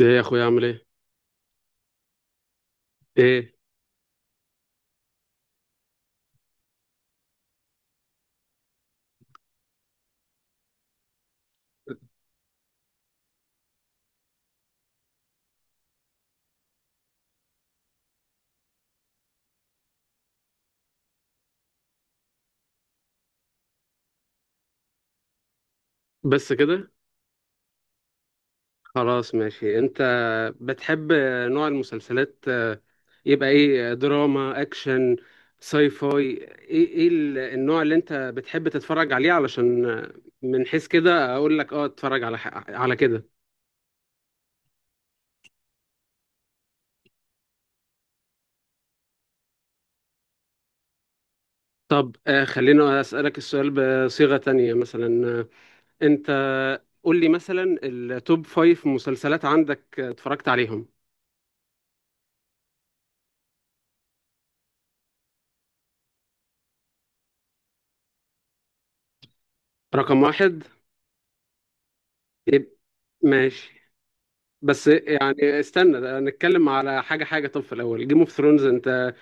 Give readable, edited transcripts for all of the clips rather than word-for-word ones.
ايه يا اخويا عامل ايه؟ ايه بس كده. خلاص ماشي. انت بتحب نوع المسلسلات، يبقى ايه؟ دراما، اكشن، ساي فاي؟ ايه النوع اللي انت بتحب تتفرج عليه، علشان من حيث كده اقول لك اتفرج على على كده. طب خلينا اسالك السؤال بصيغة تانية، مثلا، انت قول لي مثلا التوب فايف مسلسلات عندك اتفرجت عليهم. رقم واحد؟ يبقى ماشي. بس يعني استنى، نتكلم على حاجة حاجة. طب في الأول، جيم اوف ثرونز، أنت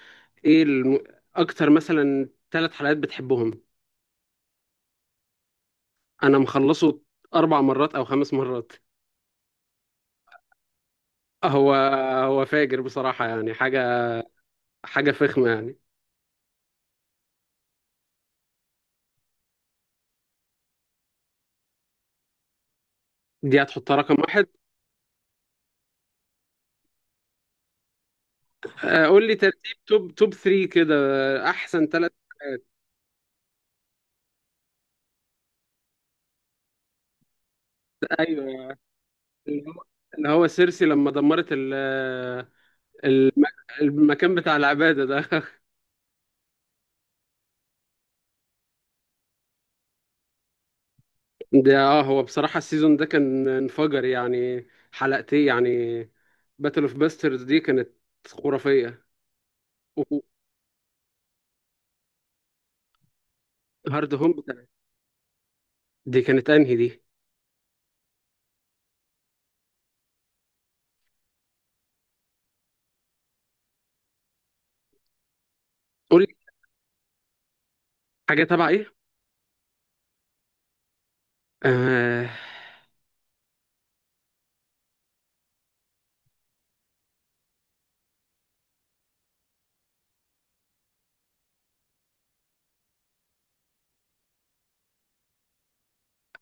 إيه أكتر مثلا ثلاث حلقات بتحبهم؟ أنا مخلصه أربع مرات أو خمس مرات. هو هو فاجر بصراحة، يعني حاجة، حاجة فخمة يعني. دي هتحطها رقم واحد؟ قول لي ترتيب توب توب 3 كده، أحسن ثلاث. أيوه، اللي هو، اللي هو سيرسي لما دمرت الم... المكان بتاع العبادة ده. ده هو بصراحة السيزون ده كان انفجر يعني. حلقتين يعني، باتل اوف باسترز دي كانت خرافية. وهارد هوم دي كانت انهي دي؟ قول لي، حاجة تبع ايه؟ آه.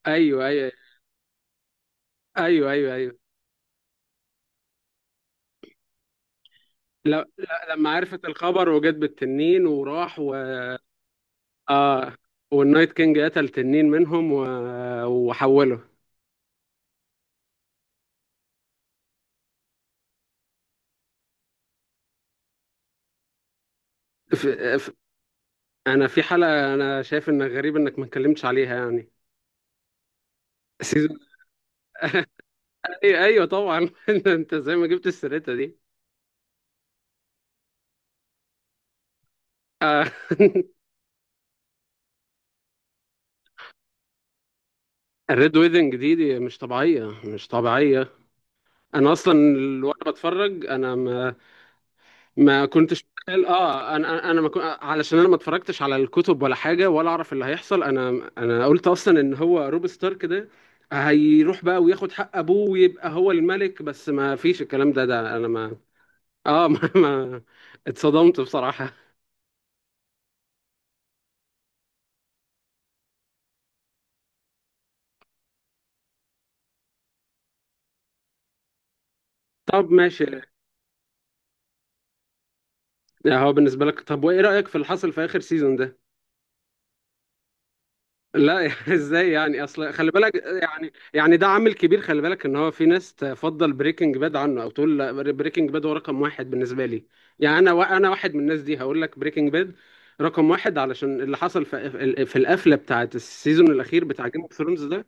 ايوه، ايوه، ايوه، ايوه، ايوه، لا لا، لما عرفت الخبر وجت بالتنين وراح و... اه، والنايت كينج قتل تنين منهم و... وحوله. ف... ف... انا في حلقة، انا شايف انك غريب انك ما اتكلمتش عليها يعني. سيزون. ايوه ايوه طبعا. أنت زي ما جبت السيرتة دي آه، الريد ويدنج دي، دي مش طبيعية، مش طبيعية. أنا أصلا وأنا بتفرج أنا ما... ما كنتش متخيل. أه، أنا ما كنت، علشان أنا ما اتفرجتش على الكتب ولا حاجة ولا أعرف اللي هيحصل. أنا قلت أصلا إن هو روب ستارك ده هيروح بقى وياخد حق أبوه ويبقى هو الملك. بس ما فيش الكلام ده، ده أنا ما... أه. ما اتصدمت بصراحة. طب ماشي، ده هو بالنسبة لك. طب وإيه رأيك في اللي حصل في آخر سيزون ده؟ لا. ازاي يعني؟ اصل خلي بالك، يعني ده عامل كبير. خلي بالك ان هو في ناس تفضل بريكنج باد عنه، او تقول لا، بريكنج باد هو رقم واحد بالنسبه لي. يعني انا انا واحد من الناس دي. هقول لك، بريكنج باد رقم واحد علشان اللي حصل في القفله بتاعت السيزون الاخير بتاع جيم اوف ثرونز ده.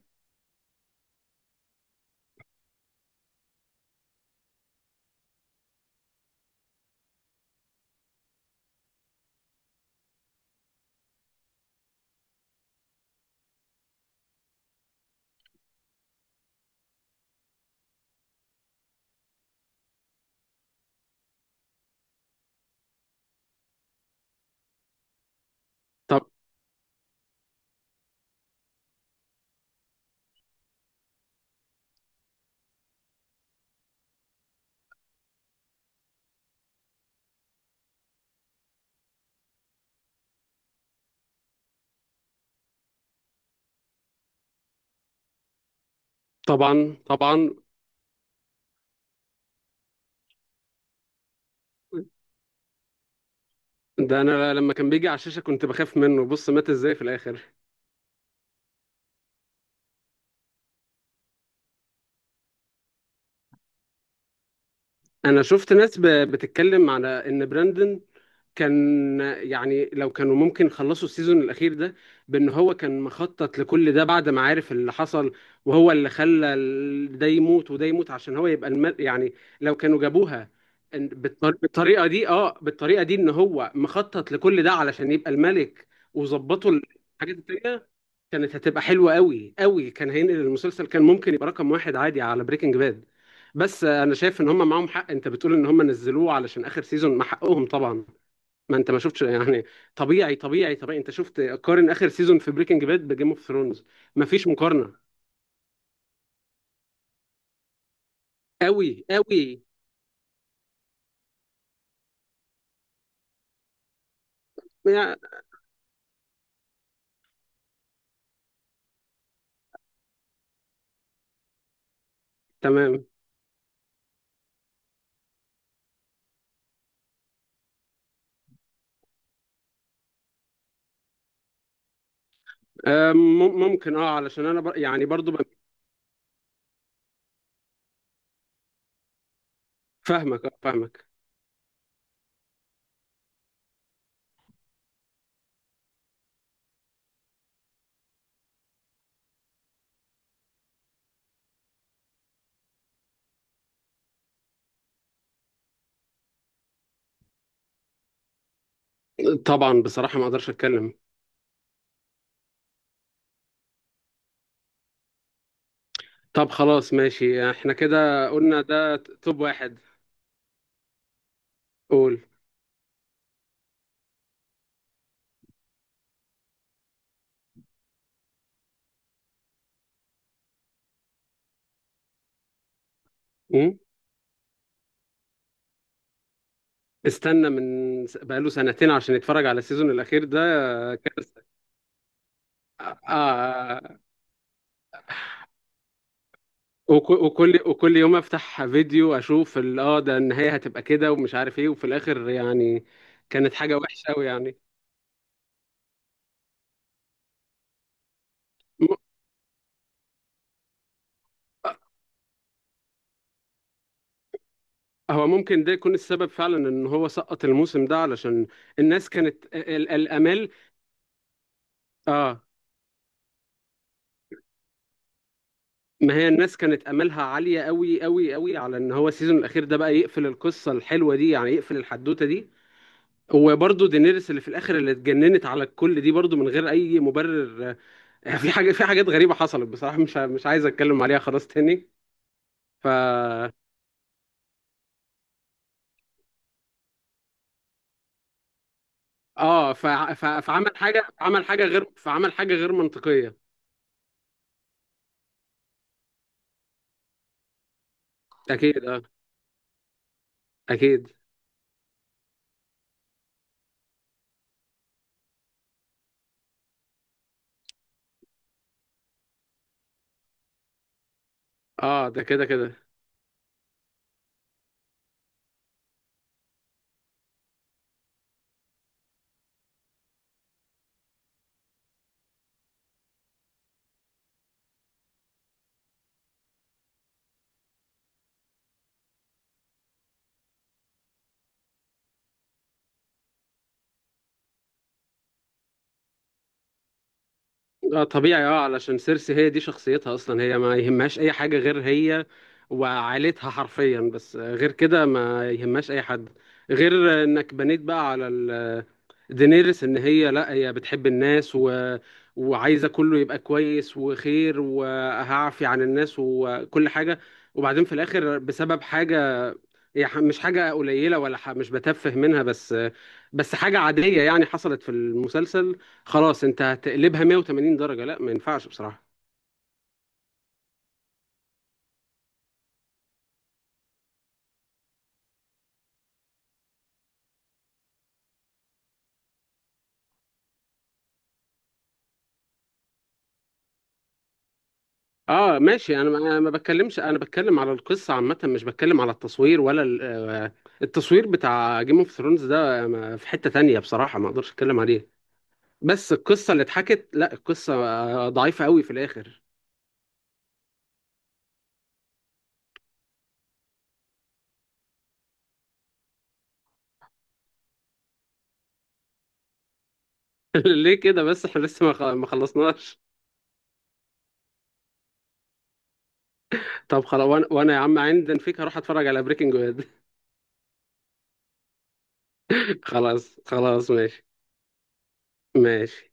طب. طبعا، طبعا. ده انا لما كان بيجي على الشاشه كنت بخاف منه، بص مات ازاي في الاخر. انا شفت ناس بتتكلم على ان براندن كان، يعني لو كانوا ممكن يخلصوا السيزون الاخير ده بان هو كان مخطط لكل ده بعد ما عارف اللي حصل، وهو اللي خلى ده يموت وده يموت عشان هو يبقى المل يعني. لو كانوا جابوها بالطريقه دي، اه، بالطريقه دي، ان هو مخطط لكل ده علشان يبقى الملك، وظبطوا الحاجات التانيه، كانت هتبقى حلوه قوي قوي. كان هينقل المسلسل، كان ممكن يبقى رقم واحد عادي على بريكنج باد. بس انا شايف ان هم معاهم حق، انت بتقول ان هم نزلوه علشان اخر سيزون، ما حقهم طبعا. ما انت ما شفتش يعني، طبيعي، طبيعي، طبيعي، انت شفت، قارن اخر سيزون في بريكنج باد بجيم اوف ثرونز. ما فيش مقارنه، قوي قوي. يا- تمام. ممكن، اه، علشان انا يعني برضو فاهمك، فاهمك. طبعا بصراحه ما اقدرش اتكلم. طب خلاص ماشي، احنا كده قلنا ده توب واحد. قول. م؟ استنى من بقاله سنتين عشان يتفرج على السيزون الاخير ده. آه آه. وكل يوم افتح فيديو، اشوف اه، ده النهاية هتبقى كده ومش عارف ايه، وفي الاخر يعني. كانت حاجة وحشة قوي يعني. م- آه، هو ممكن ده يكون السبب فعلا ان هو سقط الموسم ده، علشان الناس كانت الامال. اه، ما هي الناس كانت املها عالية قوي قوي قوي على ان هو السيزون الاخير ده بقى يقفل القصة الحلوة دي، يعني يقفل الحدوتة دي. وبرضه دينيريس اللي في الاخر اللي اتجننت على الكل دي، برضه من غير اي مبرر يعني. في حاجة، في حاجات غريبة حصلت بصراحة. مش مش عايز اتكلم عليها خلاص تاني. ف... اه، فعمل حاجة عمل حاجة غير فعمل حاجة غير منطقية. اكيد، اه، اكيد. اه، ده كده كده. اه طبيعي، اه، علشان سيرسي هي دي شخصيتها اصلا، هي ما يهمهاش اي حاجة غير هي وعائلتها حرفيا بس. غير كده ما يهمهاش اي حد. غير انك بنيت بقى على دينيرس ان هي، لا هي بتحب الناس و... وعايزه كله يبقى كويس وخير، وهعفي عن الناس وكل حاجه. وبعدين في الاخر بسبب حاجه، هي مش حاجه قليله، ولا مش بتفه منها، بس بس حاجه عاديه يعني حصلت في المسلسل، خلاص انت هتقلبها 180 درجه؟ لا، ما ينفعش بصراحه. اه ماشي، انا ما بتكلمش، انا بتكلم على القصه عامه، مش بتكلم على التصوير ولا التصوير بتاع جيم اوف ثرونز ده في حتة تانية بصراحة ما اقدرش اتكلم عليه. بس القصة اللي اتحكت، لا القصة ضعيفة قوي في الآخر. ليه كده بس، احنا لسه ما خلصناش. طب خلاص، وأنا يا عم عندي فيك، هروح اتفرج على بريكنج باد. خلاص، ماشي، ماشي.